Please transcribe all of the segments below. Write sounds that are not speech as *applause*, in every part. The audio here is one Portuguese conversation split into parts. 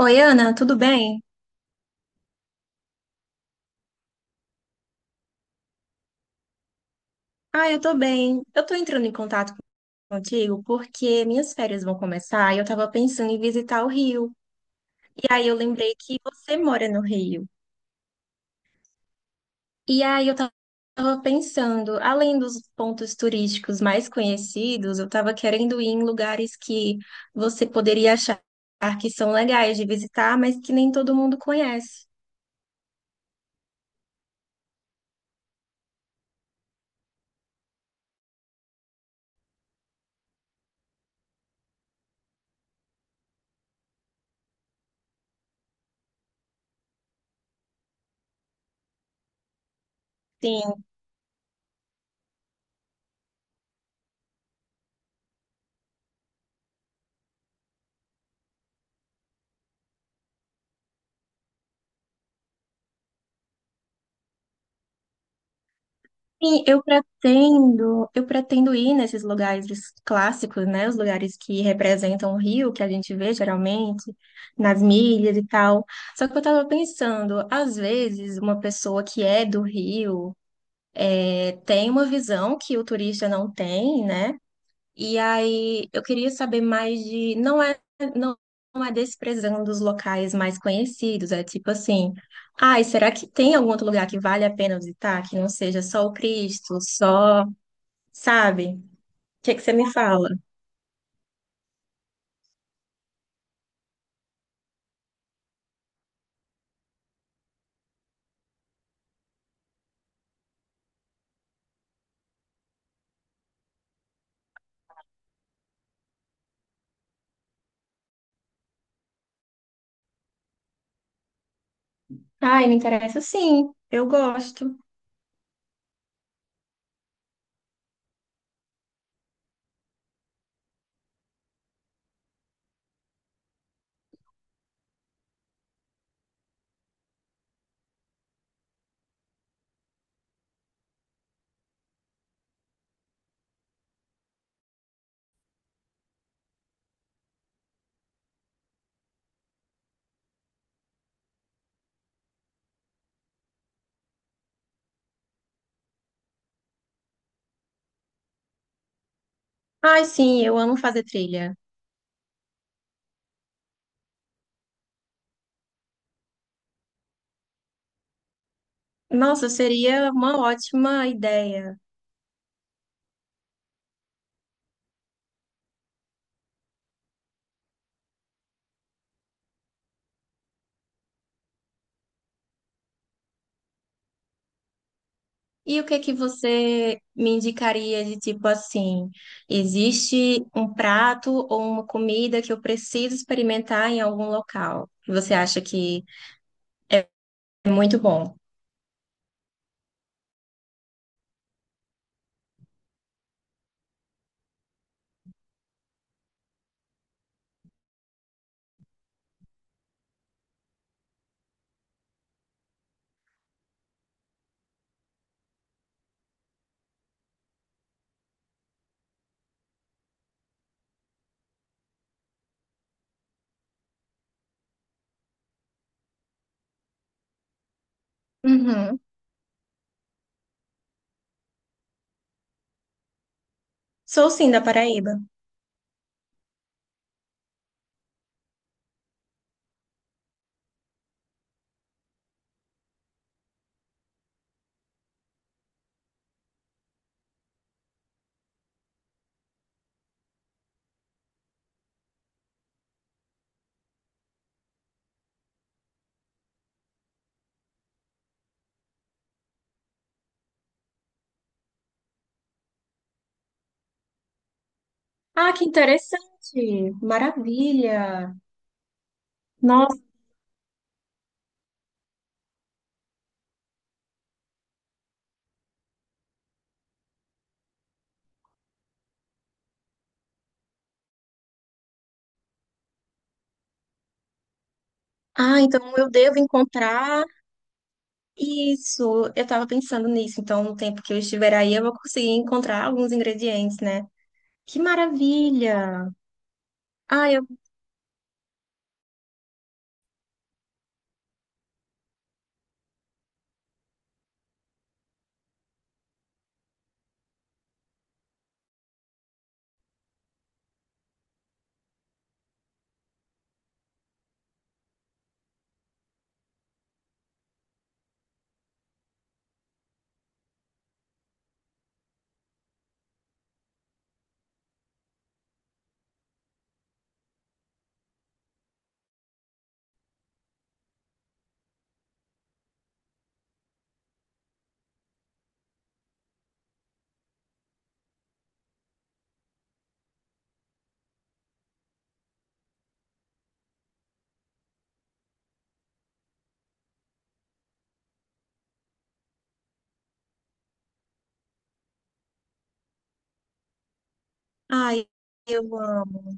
Oi, Ana, tudo bem? Ah, eu tô bem. Eu tô entrando em contato contigo porque minhas férias vão começar e eu tava pensando em visitar o Rio. E aí eu lembrei que você mora no Rio. E aí eu tava pensando, além dos pontos turísticos mais conhecidos, eu tava querendo ir em lugares que você poderia achar que são legais de visitar, mas que nem todo mundo conhece. Sim. Sim, eu pretendo ir nesses lugares clássicos, né? Os lugares que representam o Rio, que a gente vê geralmente nas milhas e tal. Só que eu tava pensando, às vezes uma pessoa que é do Rio tem uma visão que o turista não tem, né? E aí eu queria saber mais de, não é, não não é desprezando os locais mais conhecidos, é tipo assim, ai, será que tem algum outro lugar que vale a pena visitar, que não seja só o Cristo, só sabe? O que que você me fala? Ai, me interessa sim. Eu gosto. Ai, sim, eu amo fazer trilha. Nossa, seria uma ótima ideia. E o que é que você me indicaria de tipo assim? Existe um prato ou uma comida que eu preciso experimentar em algum local? Que Você acha que é muito bom? Uhum. Sou sim da Paraíba. Ah, que interessante. Maravilha. Nossa. Ah, então eu devo encontrar. Isso, eu tava pensando nisso, então no tempo que eu estiver aí eu vou conseguir encontrar alguns ingredientes, né? Que maravilha! Ai, eu, ai, eu amo.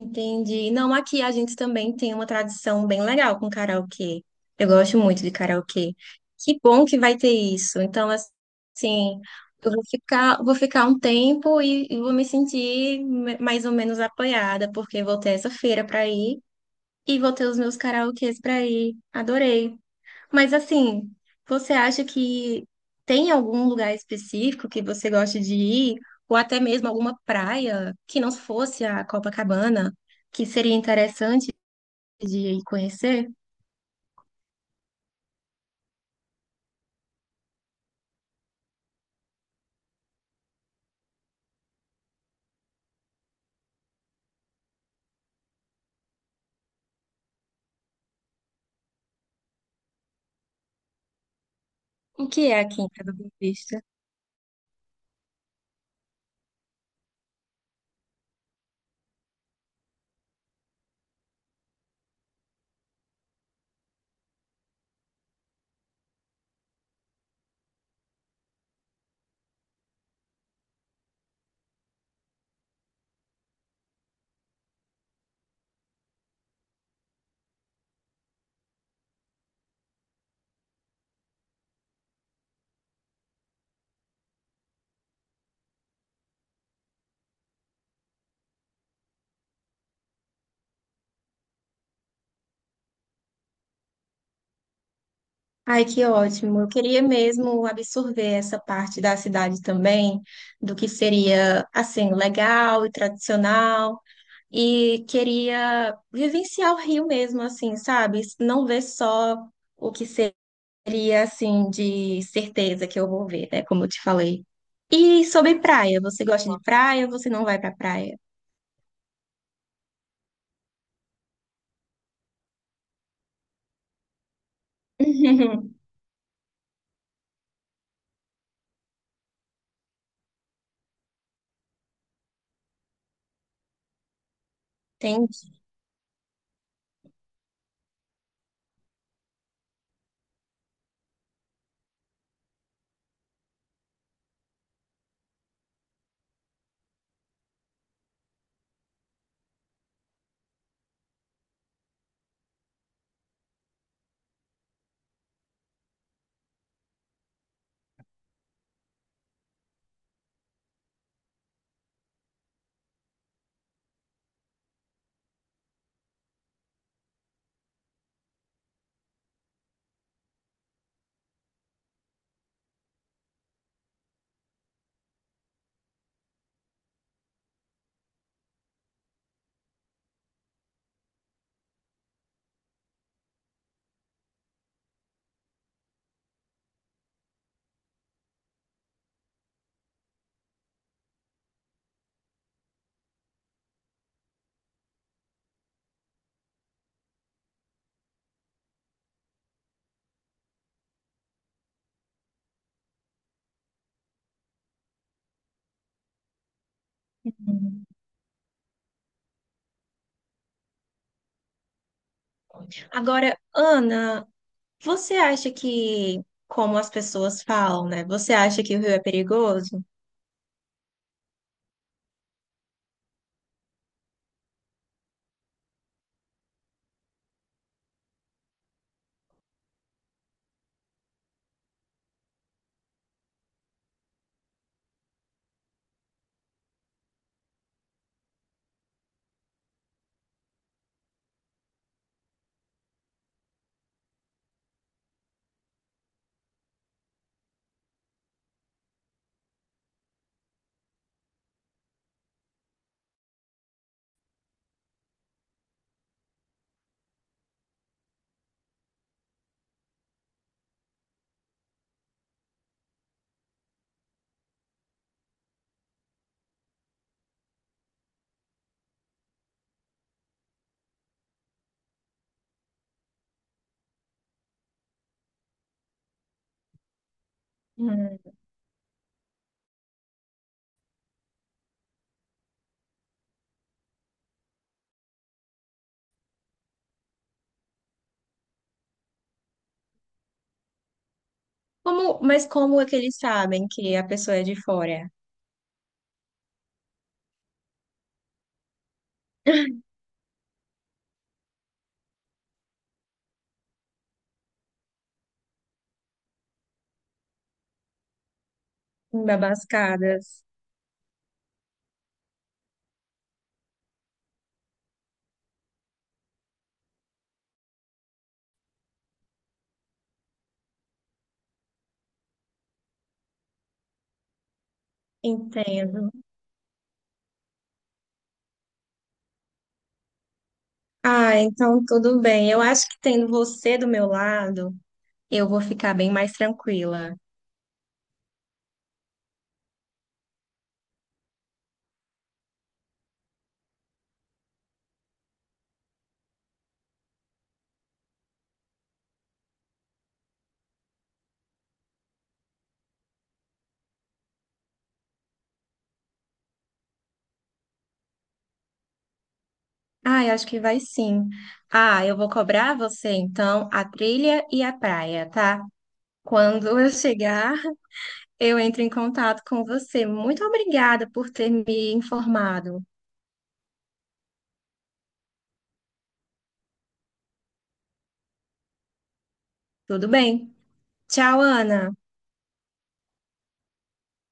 Entendi. Não, aqui a gente também tem uma tradição bem legal com karaokê. Eu gosto muito de karaokê. Que bom que vai ter isso. Então, assim, vou ficar um tempo e vou me sentir mais ou menos apoiada, porque vou ter essa feira para ir e vou ter os meus karaokês para ir. Adorei. Mas assim, você acha que tem algum lugar específico que você gosta de ir, ou até mesmo alguma praia que não fosse a Copacabana, que seria interessante de ir conhecer? O que é aqui em Praia da Boa Vista? Ai, que ótimo! Eu queria mesmo absorver essa parte da cidade também, do que seria assim legal e tradicional. E queria vivenciar o Rio mesmo, assim, sabe? Não ver só o que seria assim de certeza que eu vou ver, né? Como eu te falei. E sobre praia, você gosta de praia ou você não vai pra praia? *laughs* Entendi. Agora, Ana, você acha que, como as pessoas falam, né? Você acha que o Rio é perigoso? Hum. Como, mas como é que eles sabem que a pessoa é de fora? Babascadas. Entendo. Ah, então tudo bem. Eu acho que tendo você do meu lado, eu vou ficar bem mais tranquila. Ah, eu acho que vai sim. Ah, eu vou cobrar você então a trilha e a praia, tá? Quando eu chegar, eu entro em contato com você. Muito obrigada por ter me informado. Tudo bem? Tchau, Ana.